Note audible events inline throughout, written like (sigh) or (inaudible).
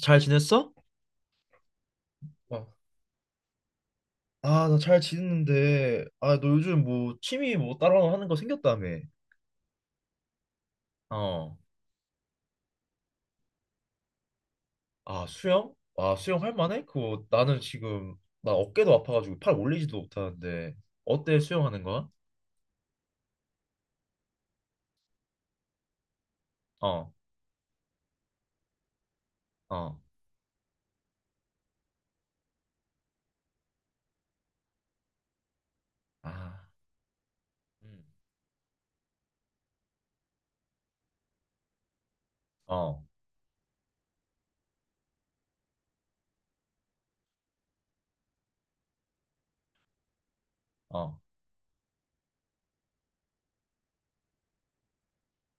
잘 지냈어? 어. 아, 나 잘 지냈는데, 아, 너 요즘 뭐 취미 뭐 따로 하는 거 생겼다며? 어. 아, 수영? 아, 수영 할 만해? 그거 나는 지금 나 어깨도 아파가지고 팔 올리지도 못하는데 어때 수영하는 거야? 어, 어. 아, 음. 어, 어.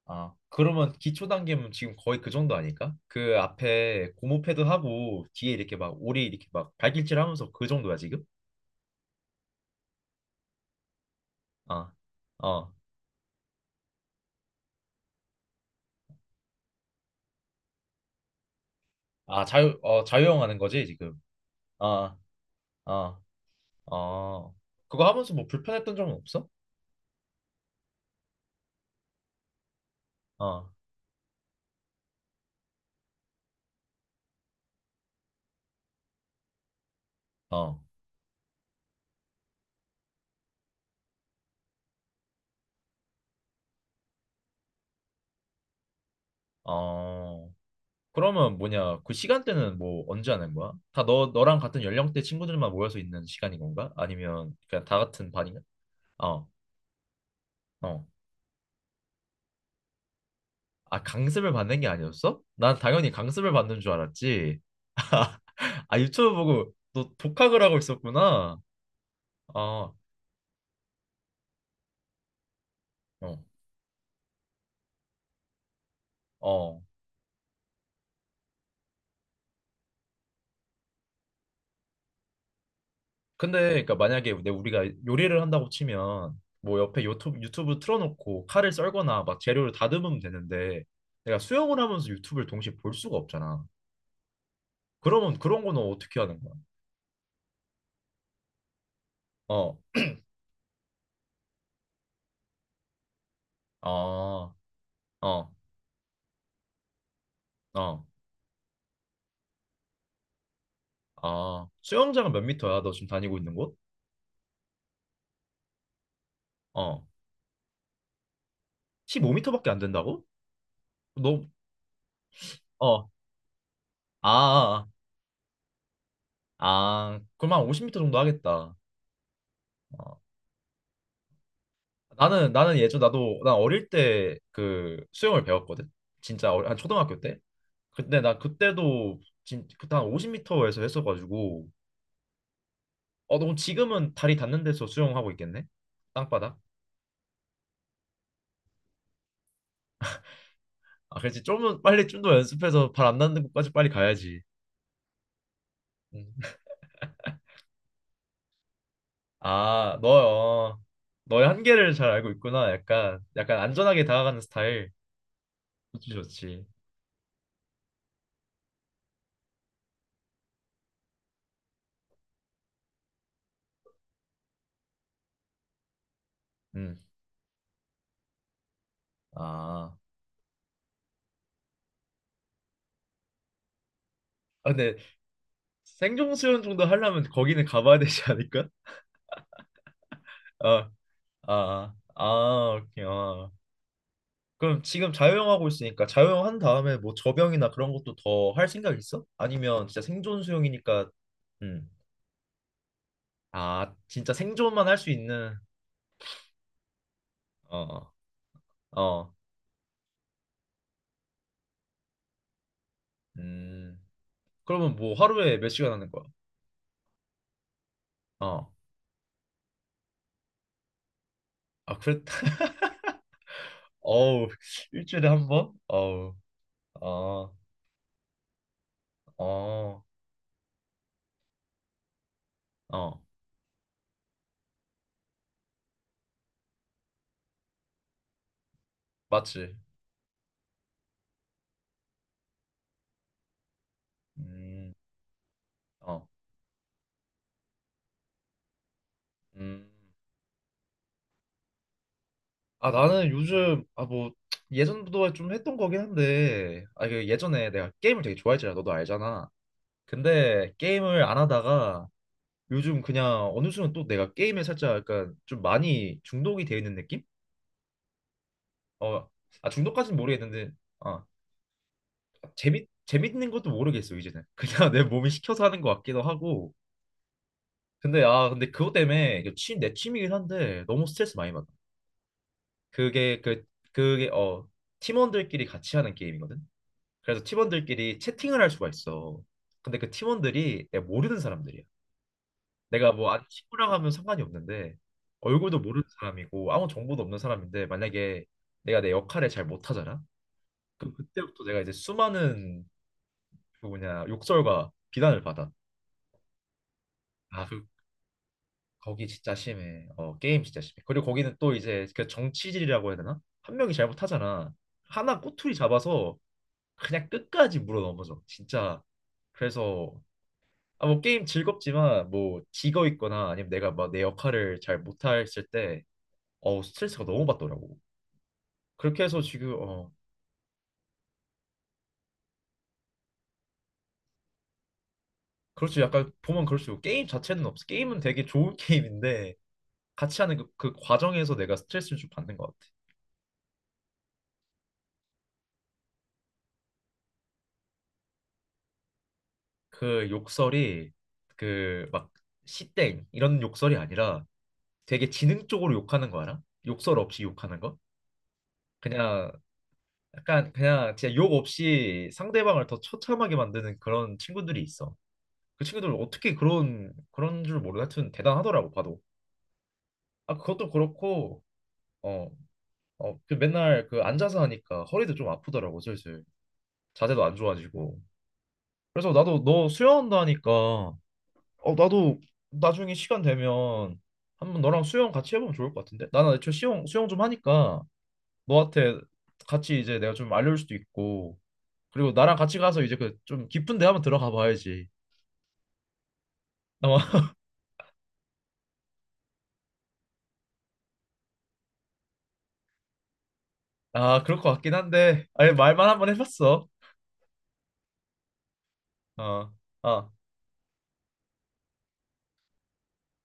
아, 그러면 기초 단계면 지금 거의 그 정도 아닐까? 그 앞에 고무 패드 하고 뒤에 이렇게 막 오리 이렇게 막 발길질 하면서 그 정도야 지금? 아, 어. 아, 자유형 하는 거지 지금? 어, 어, 어, 그거 하면서 뭐 불편했던 점은 없어? 어, 어, 어. 그러면 뭐냐? 그 시간대는 뭐 언제 하는 거야? 다 너랑 같은 연령대 친구들만 모여서 있는 시간인 건가? 아니면 그냥 다 같은 반인가? 어, 어. 아, 강습을 받는 게 아니었어? 난 당연히 강습을 받는 줄 알았지. (laughs) 아, 유튜브 보고 너 독학을 하고 있었구나. 어, 어, 어. 근데 그러니까 만약에 내 우리가 요리를 한다고 치면 뭐 옆에 유튜브 틀어놓고 칼을 썰거나 막 재료를 다듬으면 되는데 내가 수영을 하면서 유튜브를 동시에 볼 수가 없잖아. 그러면 그런 거는 어떻게 하는 거야? 어, 아, 어, 어, 아. 수영장은 몇 미터야? 너 지금 다니고 있는 곳? 어, 15미터밖에 안 된다고? 너, 어, 아, 아, 아. 그럼 한 50미터 정도 하겠다. 어. 나는 나는 예전 나도 난 어릴 때 그 수영을 배웠거든. 진짜 한 초등학교 때. 근데 나 그때도 진 그때 한 50미터에서 했어가지고 어 너무 지금은 다리 닿는 데서 수영하고 있겠네? 땅바닥? 아 그렇지 좀 더 빨리 좀 더 연습해서 발 안 닿는 곳까지 빨리 가야지. 음. 아 너요. 너의 한계를 잘 알고 있구나. 약간 약간 안전하게 다가가는 스타일. 좋지 좋지. 음. 아. 아 근데 생존 수영 정도 하려면 거기는 가봐야 되지 않을까? (laughs) 아. 아. 아. 아, 오케이. 아. 그럼 지금 자유형 하고 있으니까 자유형 한 다음에 뭐 접영이나 그런 것도 더 할 생각 있어? 아니면 진짜 생존 수영이니까 음. 아, 진짜 생존만 할 수 있는 어. 어. 음. 그러면 뭐 하루에 몇 시간 하는 거야? 어. 아, 그랬 (laughs) 어우, 일주일에 한 번? 어우. 어. 어. 어. 맞지. 음. 어. 음. 아, 나는 요즘 아 뭐 예전부터 좀 했던 거긴 한데 아 그 예전에 내가 게임을 되게 좋아했잖아. 너도 알잖아. 근데 게임을 안 하다가 요즘 그냥 어느 순간 또 내가 게임에 살짝 약간 좀 많이 중독이 되어 있는 느낌? 어, 아 중독까지는 모르겠는데 아 재밌는 것도 모르겠어 이제는 그냥 (laughs) 내 몸이 시켜서 하는 것 같기도 하고 근데 아 근데 그것 때문에 이거 내 취미긴 한데 너무 스트레스 많이 받아 그게 그 그게 팀원들끼리 같이 하는 게임이거든 그래서 팀원들끼리 채팅을 할 수가 있어 근데 그 팀원들이 내가 모르는 사람들이야 내가 뭐 아는 친구랑 하면 상관이 없는데 얼굴도 모르는 사람이고 아무 정보도 없는 사람인데 만약에 내가 내 역할을 잘 못하잖아? 그럼 그때부터 내가 이제 수많은 그 뭐냐 욕설과 비난을 받아. 아, 그 거기 진짜 심해. 어, 게임 진짜 심해. 그리고 거기는 또 이제 그 정치질이라고 해야 되나? 한 명이 잘못하잖아. 하나 꼬투리 잡아서 그냥 끝까지 물어 넘어져. 진짜. 그래서 아, 뭐 게임 즐겁지만 뭐 지거 있거나 아니면 내가 막 내 역할을 잘 못했을 때 어우 스트레스가 너무 받더라고. 그렇게 해서 지금 어 그렇지 약간 보면 그럴 수 있고 게임 자체는 없어. 게임은 되게 좋은 (laughs) 게임인데 같이 하는 그 과정에서 내가 스트레스를 좀 받는 것 같아. 그 욕설이 그 막 시땡 이런 욕설이 아니라 되게 지능 적으로 욕하는 거 알아? 욕설 없이 욕하는 거? 그냥 약간 그냥 진짜 욕 없이 상대방을 더 처참하게 만드는 그런 친구들이 있어. 그 친구들 어떻게 그런 줄 모르 하여튼 대단하더라고 봐도. 아 그것도 그렇고. 어 어, 그 맨날 그 앉아서 하니까 허리도 좀 아프더라고 슬슬 자세도 안 좋아지고 그래서 나도 너 수영한다 하니까 어 나도 나중에 시간 되면 한번 너랑 수영 같이 해보면 좋을 것 같은데 나는 애초에 수영 좀 하니까 너한테 같이 이제 내가 좀 알려줄 수도 있고 그리고 나랑 같이 가서 이제 그 좀 깊은 데 한번 들어가 봐야지 어, (laughs) 아 그럴 것 같긴 한데 아니 말만 한번 해봤어 어 어.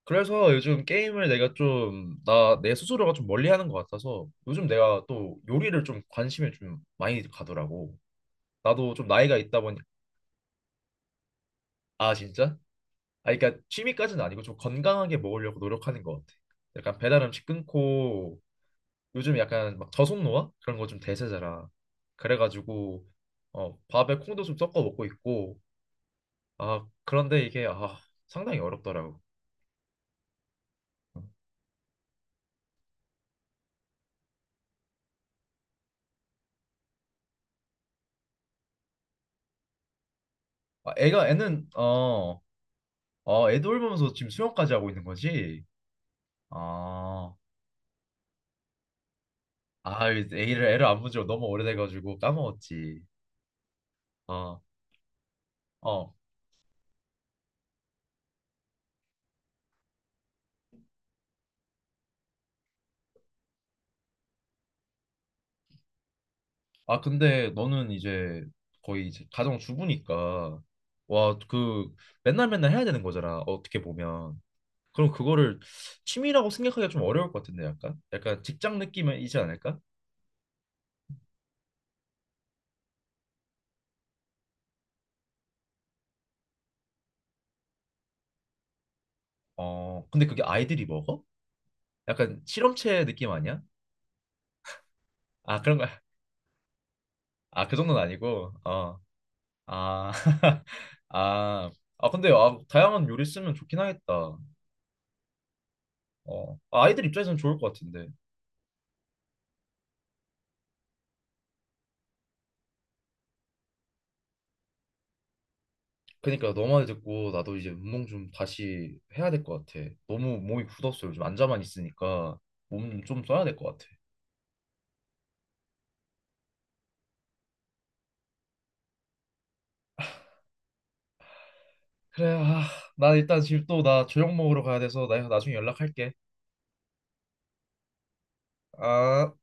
그래서 요즘 게임을 내가 좀, 내 스스로가 좀 멀리 하는 것 같아서 요즘 내가 또 요리를 좀 관심이 좀 많이 가더라고. 나도 좀 나이가 있다 보니, 아, 진짜? 아, 그러니까 취미까지는 아니고 좀 건강하게 먹으려고 노력하는 것 같아. 약간 배달 음식 끊고 요즘 약간 막 저속노화? 그런 거 좀 대세잖아. 그래가지고, 어, 밥에 콩도 좀 섞어 먹고 있고, 아, 그런데 이게, 아, 상당히 어렵더라고. 어, 아, 애는, 어, 아 애 돌보면서 지금 수영까지 하고 있는 거지? 아, 아, 애를 안 본 지가 너무 오래돼가지고 까먹었지. 아, 어. 아, 근데 너는 이제 거의 이제 가정 주부니까, 와, 그, 맨날 맨날 해야 되는 거잖아, 어떻게 보면. 그럼 그거를 취미라고 생각하기가 좀 어려울 것 같은데, 약간? 약간 직장 느낌이지 않을까? 어, 근데 그게 아이들이 먹어? 약간 실험체 느낌 아니야? 아, 그런 거야. 아, 그 정도는 아니고, 어. 아, (laughs) 아, 아, 근데 아, 다양한 요리 쓰면 좋긴 하겠다. 어, 아, 아이들 입장에서는 좋을 것 같은데. 그러니까 너말 듣고 나도 이제 운동 좀 다시 해야 될 것 같아. 너무 몸이 굳었어. 요즘 앉아만 있으니까 몸 좀 써야 될 것 같아. 그래, 아, 나 일단 지금 또 나 저녁 먹으러 가야 돼서 나 나중에 연락할게. 아.